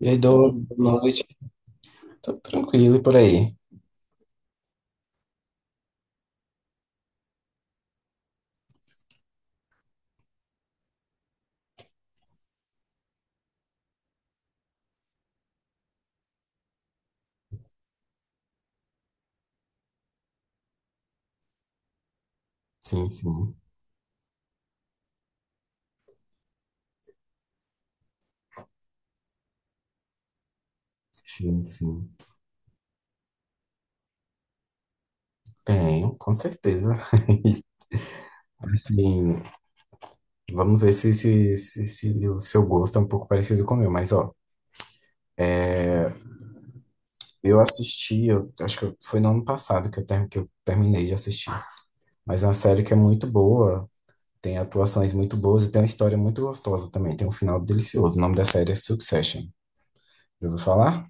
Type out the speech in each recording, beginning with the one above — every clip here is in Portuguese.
E aí, dou boa noite. Tô tranquilo e por aí. Sim, sim. Sim, sim. Tenho, com certeza. Assim, vamos ver se o seu gosto é um pouco parecido com o meu, mas ó, é, eu assisti, eu, acho que foi no ano passado que que eu terminei de assistir. Mas é uma série que é muito boa, tem atuações muito boas e tem uma história muito gostosa também, tem um final delicioso. O nome da série é Succession. Já ouviu falar?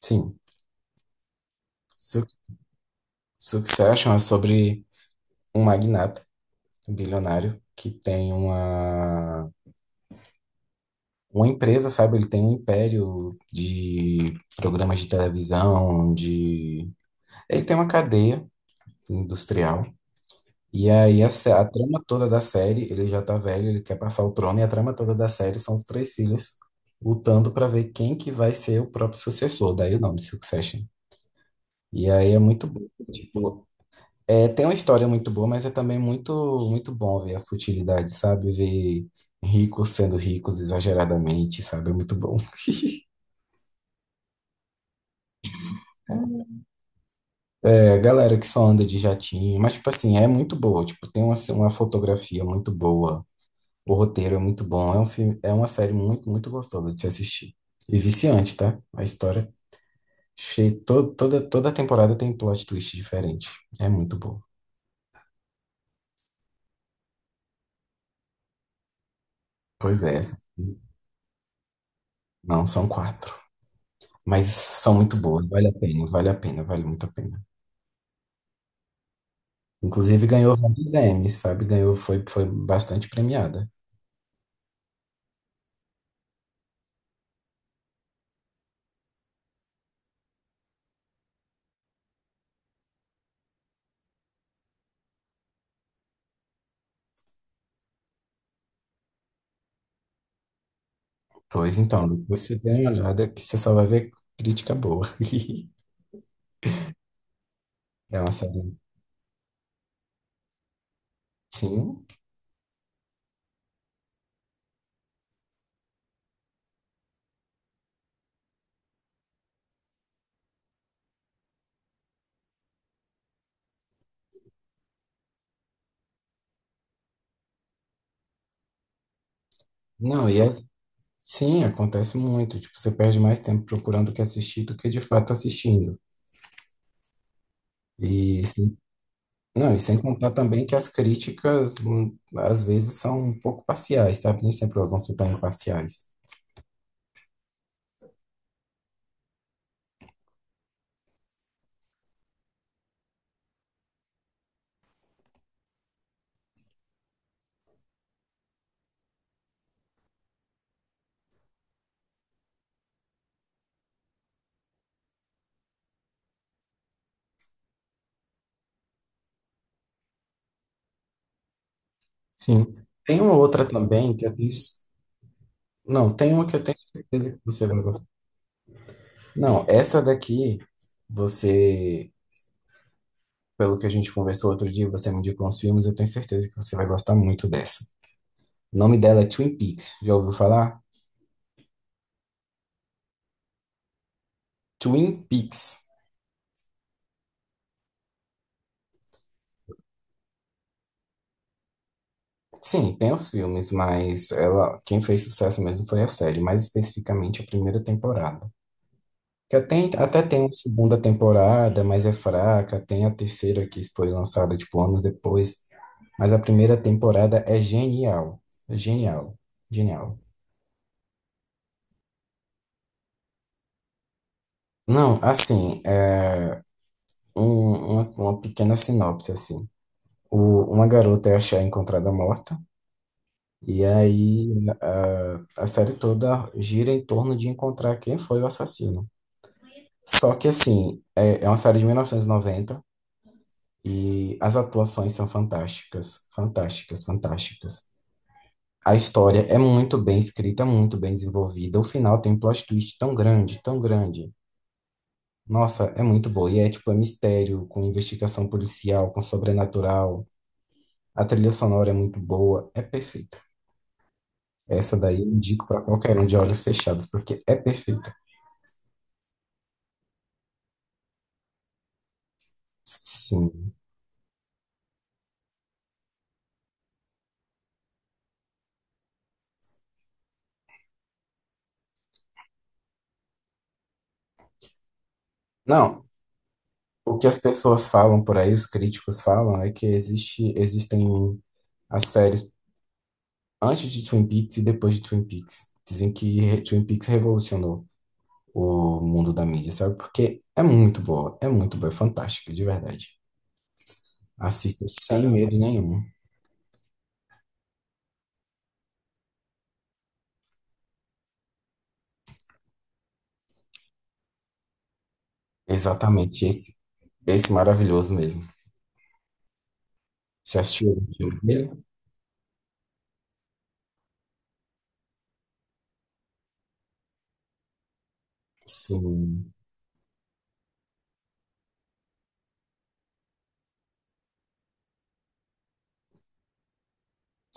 Sim. Su- Succession é sobre um magnata. Um bilionário que tem uma empresa, sabe? Ele tem um império de programas de televisão, de... Ele tem uma cadeia industrial. E aí a trama toda da série, ele já tá velho, ele quer passar o trono, e a trama toda da série são os três filhos lutando para ver quem que vai ser o próprio sucessor, daí o nome Succession. E aí é muito bom, tipo, é, tem uma história muito boa, mas é também muito bom ver as futilidades, sabe? Ver ricos sendo ricos exageradamente, sabe? É muito bom. É, galera que só anda de jatinho, mas, tipo assim, é muito boa. Tipo, tem uma fotografia muito boa, o roteiro é muito bom. É um filme, é uma série muito gostosa de se assistir. E viciante, tá? A história. Toda temporada tem plot twist diferente. É muito bom. Pois é. Não, são quatro. Mas são muito boas. Vale a pena, vale a pena, vale muito a pena. Inclusive ganhou vários Emmys, sabe? Ganhou, foi bastante premiada. Pois então, depois você dá uma olhada que você só vai ver crítica boa. É uma série. Sim. Não, e é. Sim, acontece muito. Tipo, você perde mais tempo procurando o que assistir do que de fato assistindo. E sim. Não, e sem contar também que as críticas às vezes são um pouco parciais, sabe? Nem sempre elas vão ser tão imparciais. Sim. Tem uma outra também que eu tenho. Não, tem uma que eu tenho certeza que você vai. Não, essa daqui, você, pelo que a gente conversou outro dia, você me indicou uns filmes, eu tenho certeza que você vai gostar muito dessa. O nome dela é Twin Peaks, já ouviu falar? Twin Peaks. Sim, tem os filmes, mas ela, quem fez sucesso mesmo foi a série, mais especificamente a primeira temporada. Que até tem uma segunda temporada, mas é fraca, tem a terceira que foi lançada, tipo, anos depois, mas a primeira temporada é genial. É genial, genial. Não, assim, uma pequena sinopse, assim. Uma garota é achar encontrada morta, e aí a série toda gira em torno de encontrar quem foi o assassino. Só que, assim, é uma série de 1990 e noventa e as atuações são fantásticas, fantásticas, fantásticas. A história é muito bem escrita, muito bem desenvolvida. O final tem um plot twist tão grande, tão grande. Nossa, é muito boa. E é tipo, é mistério, com investigação policial, com sobrenatural. A trilha sonora é muito boa, é perfeita. Essa daí eu indico pra qualquer um de olhos fechados, porque é perfeita. Sim. Não, o que as pessoas falam por aí, os críticos falam, é que existem as séries antes de Twin Peaks e depois de Twin Peaks. Dizem que Twin Peaks revolucionou o mundo da mídia, sabe? Porque é muito boa, é muito boa, é fantástica, de verdade. Assista sem medo nenhum. Exatamente esse, esse maravilhoso mesmo. Você assistiu o filme dele? Sim.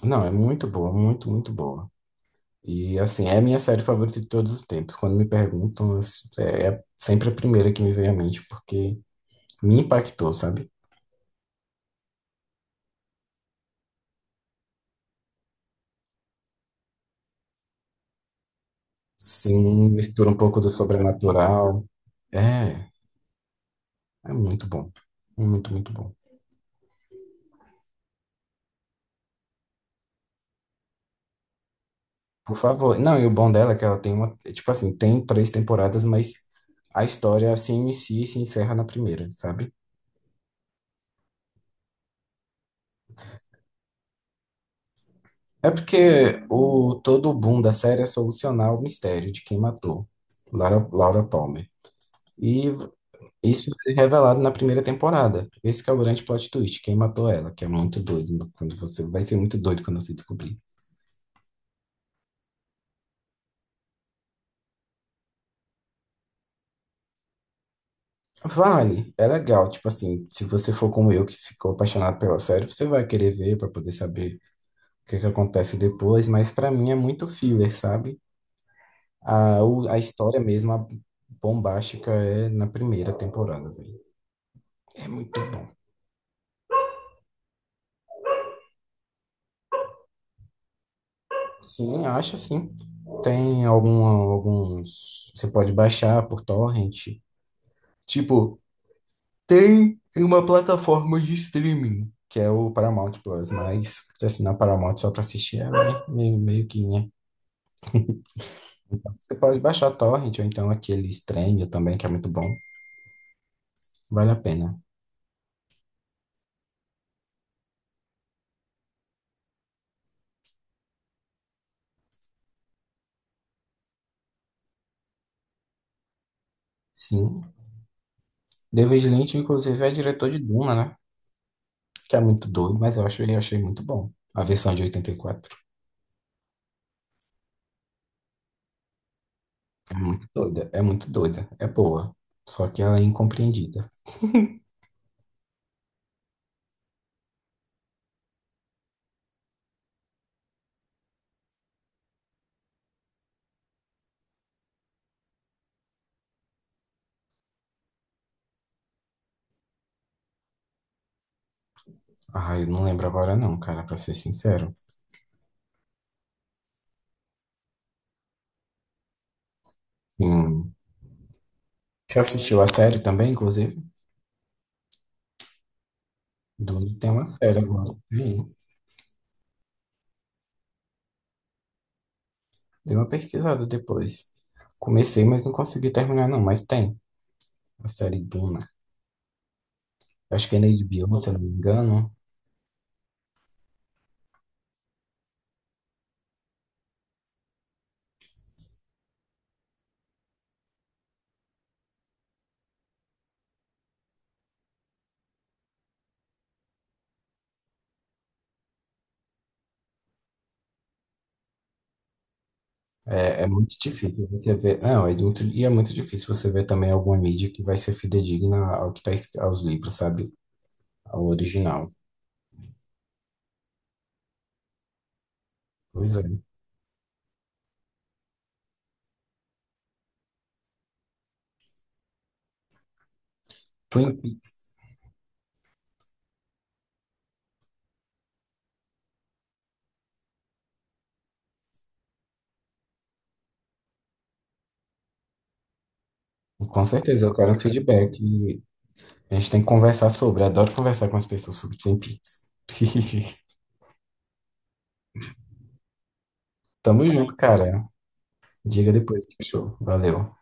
Não, é muito boa, muito, muito boa. E assim, é a minha série favorita de todos os tempos. Quando me perguntam, é sempre a primeira que me vem à mente, porque me impactou, sabe? Sim, mistura um pouco do sobrenatural. É, é muito bom. Muito, muito bom. Por favor. Não, e o bom dela é que ela tem uma. É, tipo assim, tem três temporadas, mas a história assim inicia e se encerra na primeira, sabe? É porque o todo o boom da série é solucionar o mistério de quem matou Laura, Laura Palmer. E isso foi revelado na primeira temporada. Esse que é o grande plot twist, quem matou ela, que é muito doido quando você descobrir. Vale, é legal, tipo assim, se você for como eu que ficou apaixonado pela série, você vai querer ver para poder saber o que que acontece depois, mas para mim é muito filler, sabe? A história mesmo, a bombástica é na primeira temporada, velho. É muito bom. Sim, acho sim. Alguns. Você pode baixar por torrent. Tipo, tem uma plataforma de streaming, que é o Paramount Plus, mas se assinar Paramount só pra assistir ela, é meio que, né? Então, você pode baixar a Torrent, ou então aquele Stremio também, que é muito bom. Vale a pena. Sim. David Lynch, inclusive, é diretor de Duna, né? Que é muito doido, mas eu acho, eu achei muito bom. A versão de 84. É muito doida, é muito doida. É boa. Só que ela é incompreendida. Ah, eu não lembro agora não, cara, pra ser sincero. Hum. Você assistiu a série também, inclusive? Duna tem uma série agora. Tem. Dei uma pesquisada depois. Comecei, mas não consegui terminar, não. Mas tem a série Duna. Eu acho que é na HBO, se eu não me engano. É, é muito difícil você ver. Não, é muito, e é muito difícil você ver também alguma mídia que vai ser fidedigna ao que tá, aos livros, sabe? Ao original. Pois é. Twin Peaks. Com certeza, eu quero um feedback. E a gente tem que conversar sobre. Adoro conversar com as pessoas sobre Twin Peaks. Tamo junto, cara. Diga depois que show. Valeu.